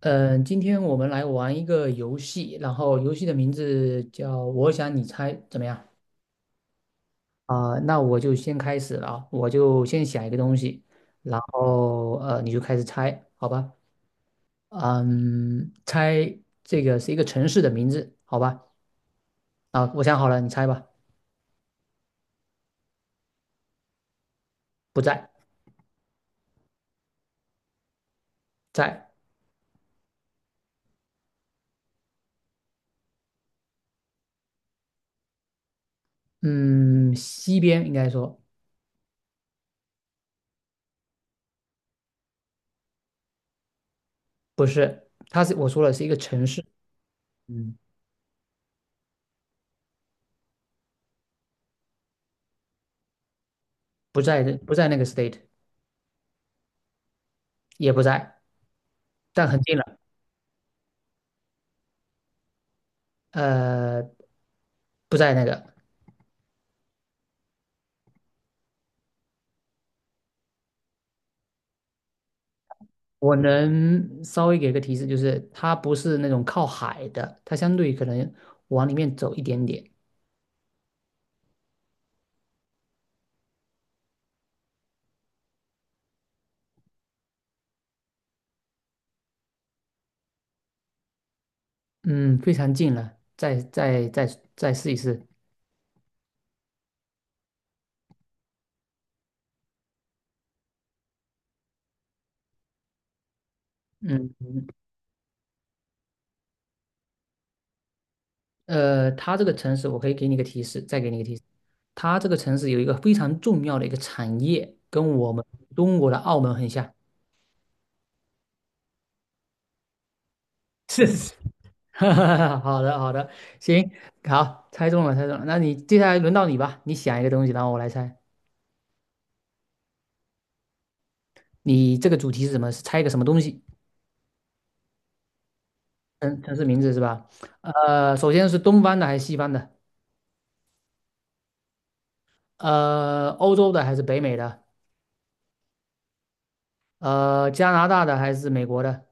嗯，今天我们来玩一个游戏，然后游戏的名字叫“我想你猜”，怎么样？啊、那我就先开始了啊，我就先想一个东西，然后你就开始猜，好吧？嗯，猜这个是一个城市的名字，好吧？啊，我想好了，你猜吧。不在，在，嗯，西边应该说不是，它是我说了是一个城市，嗯，不在那个 state,也不在，但很近了，呃，不在那个。我能稍微给个提示，就是它不是那种靠海的，它相对可能往里面走一点点。嗯，非常近了，再再试一试。嗯，它这个城市，我可以给你个提示，再给你个提示，它这个城市有一个非常重要的一个产业，跟我们中国的澳门很像。是是，哈哈哈好的好的，行，好，猜中了猜中了。那你接下来轮到你吧，你想一个东西，然后我来猜。你这个主题是什么？是猜一个什么东西？城市名字是吧？首先是东方的还是西方的？欧洲的还是北美的？加拿大的还是美国的？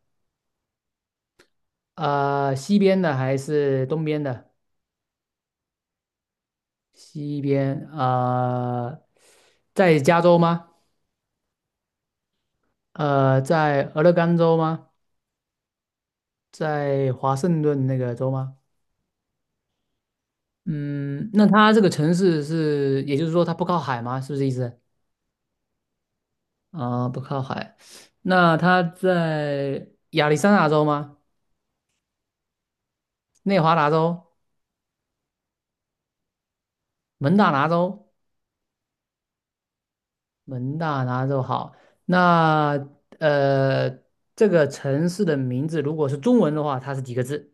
西边的还是东边的？西边，在加州吗？在俄勒冈州吗？在华盛顿那个州吗？嗯，那它这个城市是，也就是说它不靠海吗？是不是意思？啊、不靠海。那它在亚利桑那州吗？内华达州？蒙大拿州，蒙大拿州好。那呃，这个城市的名字如果是中文的话，它是几个字？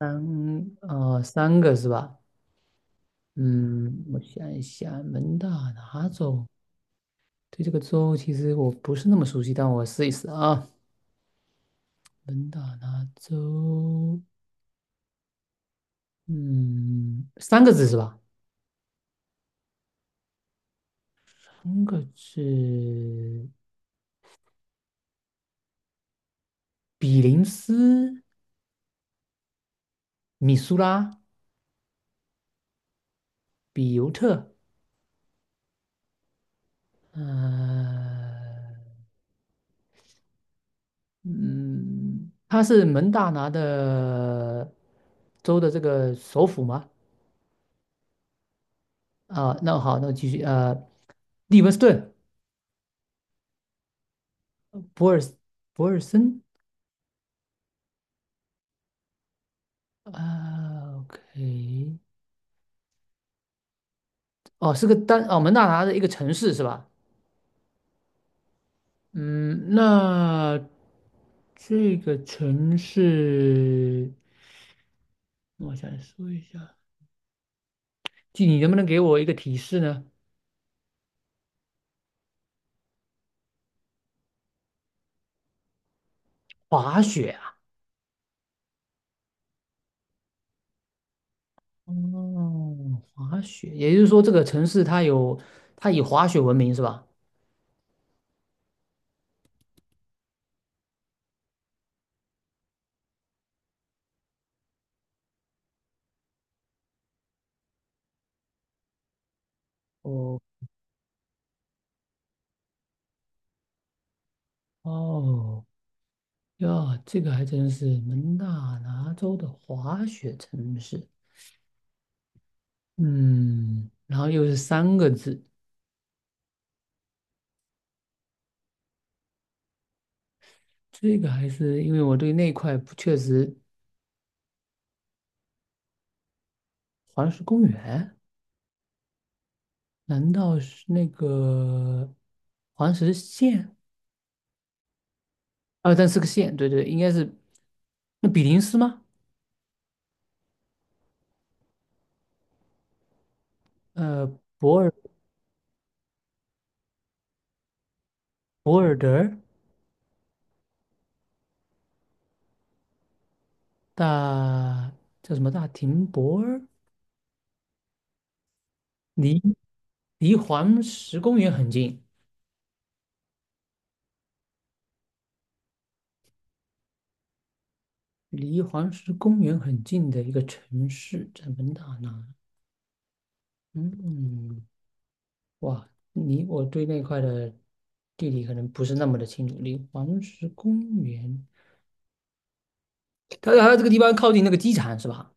三个是吧？嗯，我想一想，蒙大拿州，对这个州其实我不是那么熟悉，但我试一试啊。蒙大拿州，嗯，三个字是吧？三个字，比林斯、米苏拉、比尤特，呃。嗯，他是蒙大拿的州的这个首府吗？啊，那好，那继续，利文斯顿，博尔博尔森，啊，OK,哦，是个单，哦，蒙大拿的一个城市是吧？嗯，那这个城市，我想说一下，就你能不能给我一个提示呢？滑雪哦，滑雪，也就是说这个城市它有它以滑雪闻名是吧？哦哦呀，这个还真是蒙大拿州的滑雪城市。嗯，然后又是三个字，这个还是因为我对那块不确实黄石公园，难道是那个黄石县？啊，但是个县，对对，应该是那比林斯吗？呃，博尔博尔德。大叫什么大停泊儿？离离黄石公园很近，离黄石公园很近的一个城市，在蒙大拿。嗯，哇，你我对那块的地理可能不是那么的清楚。离黄石公园，它这个地方靠近那个机场是吧？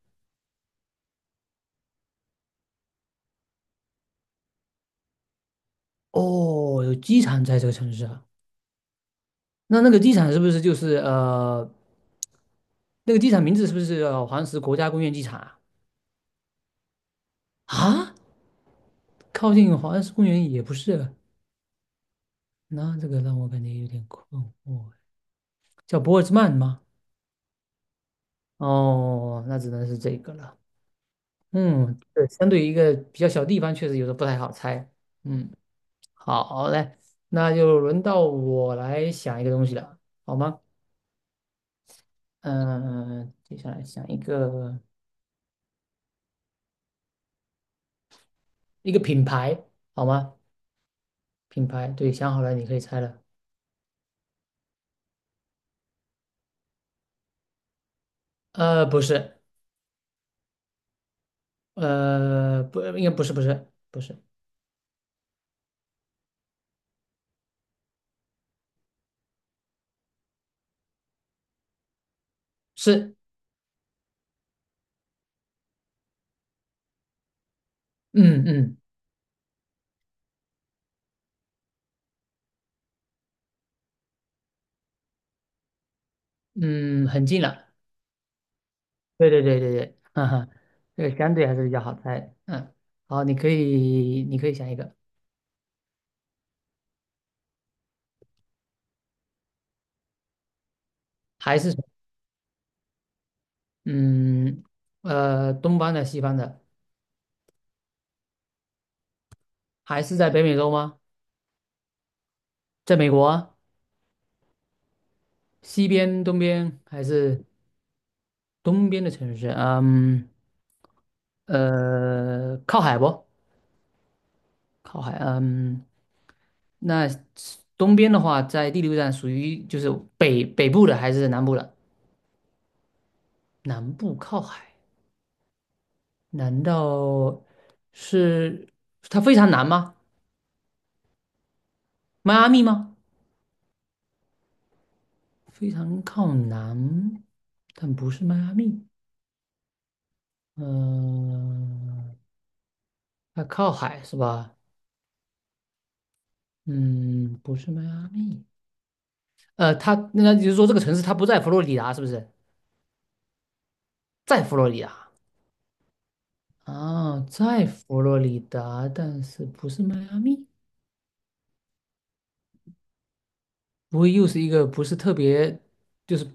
哦，有机场在这个城市啊。那那个机场是不是就是那个机场名字是不是叫黄石国家公园机场啊？啊，靠近黄石公园也不是啊。那这个让我感觉有点困惑，叫博尔兹曼吗？哦，那只能是这个了。嗯，对，相对于一个比较小地方，确实有的不太好猜。嗯，好嘞，那就轮到我来想一个东西了，好吗？嗯、接下来想一个一个品牌，好吗？品牌，对，想好了，你可以猜了。不是，不，应该不是，不是，不是，是，嗯嗯，很近了，对对对对对，哈哈，这个相对还是比较好猜。嗯，好，你可以想一个，还是嗯东方的西方的，还是在北美洲吗？在美国啊西边、东边还是东边的城市？嗯靠海不？靠海。嗯，那东边的话，在第六站属于就是北部的还是南部的？南部靠海，难道是它非常难吗？迈阿密吗？非常靠南，但不是迈阿密。嗯、它靠海是吧？嗯，不是迈阿密。它那就是说这个城市它不在佛罗里达，是不是？在佛罗里达啊，在佛罗里达，但是不是迈阿密？不会又是一个不是特别，就是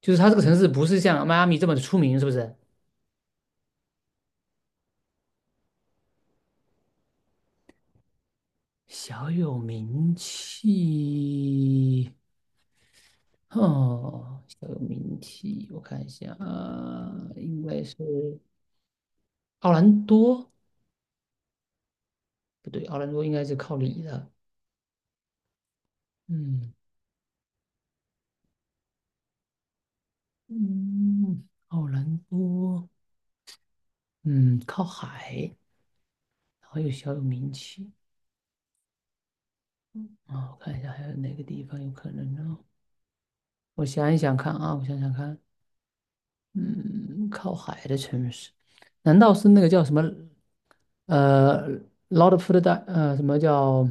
就是它这个城市不是像迈阿密这么的出名，是不是？小有名气。哦，小有名气，我看一下啊，应该是奥兰多，不对，奥兰多应该是靠里的，嗯嗯，奥兰多，嗯，靠海，然后又小有名气，嗯啊，我看一下还有哪个地方有可能呢？我想一想看啊，我想想看，嗯，靠海的城市，难道是那个叫什么o l 劳德福德的什么叫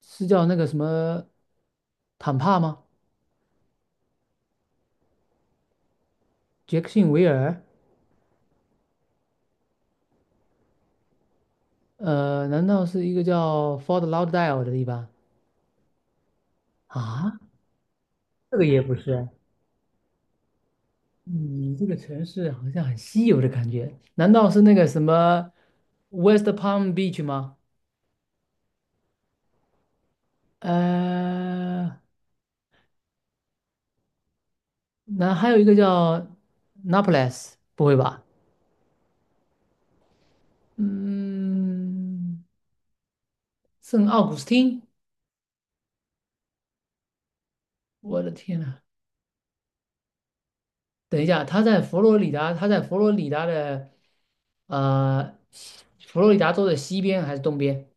是叫那个什么坦帕吗？杰克逊维尔，难道是一个叫 Fort Lauderdale 的地方啊？这个也不是，你这个城市好像很稀有的感觉，难道是那个什么 West Palm Beach 吗？呃，那还有一个叫 Naples,不会吧？嗯，圣奥古斯汀，我的天呐，等一下，他在佛罗里达，他在佛罗里达的西佛罗里达州的西边还是东边？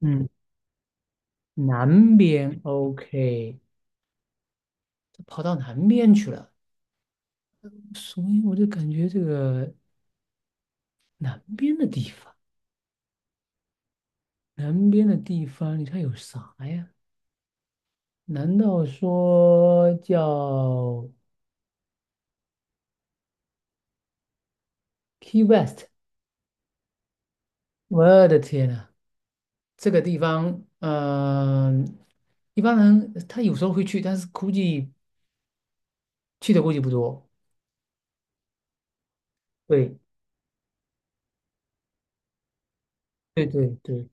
嗯。南边，OK,他跑到南边去了，所以我就感觉这个南边的地方，南边的地方，你看有啥呀？难道说叫 Key West?我的天呐，这个地方，嗯、一般人他有时候会去，但是估计去的估计不多。对，对对对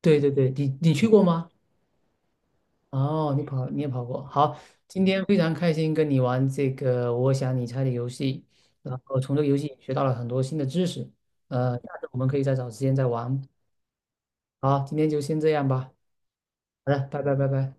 对对对，你去过吗？哦，你跑，你也跑过。好，今天非常开心跟你玩这个“我想你猜”的游戏，然后从这个游戏学到了很多新的知识。下次我们可以再找时间再玩。好，今天就先这样吧。好的，拜拜拜拜。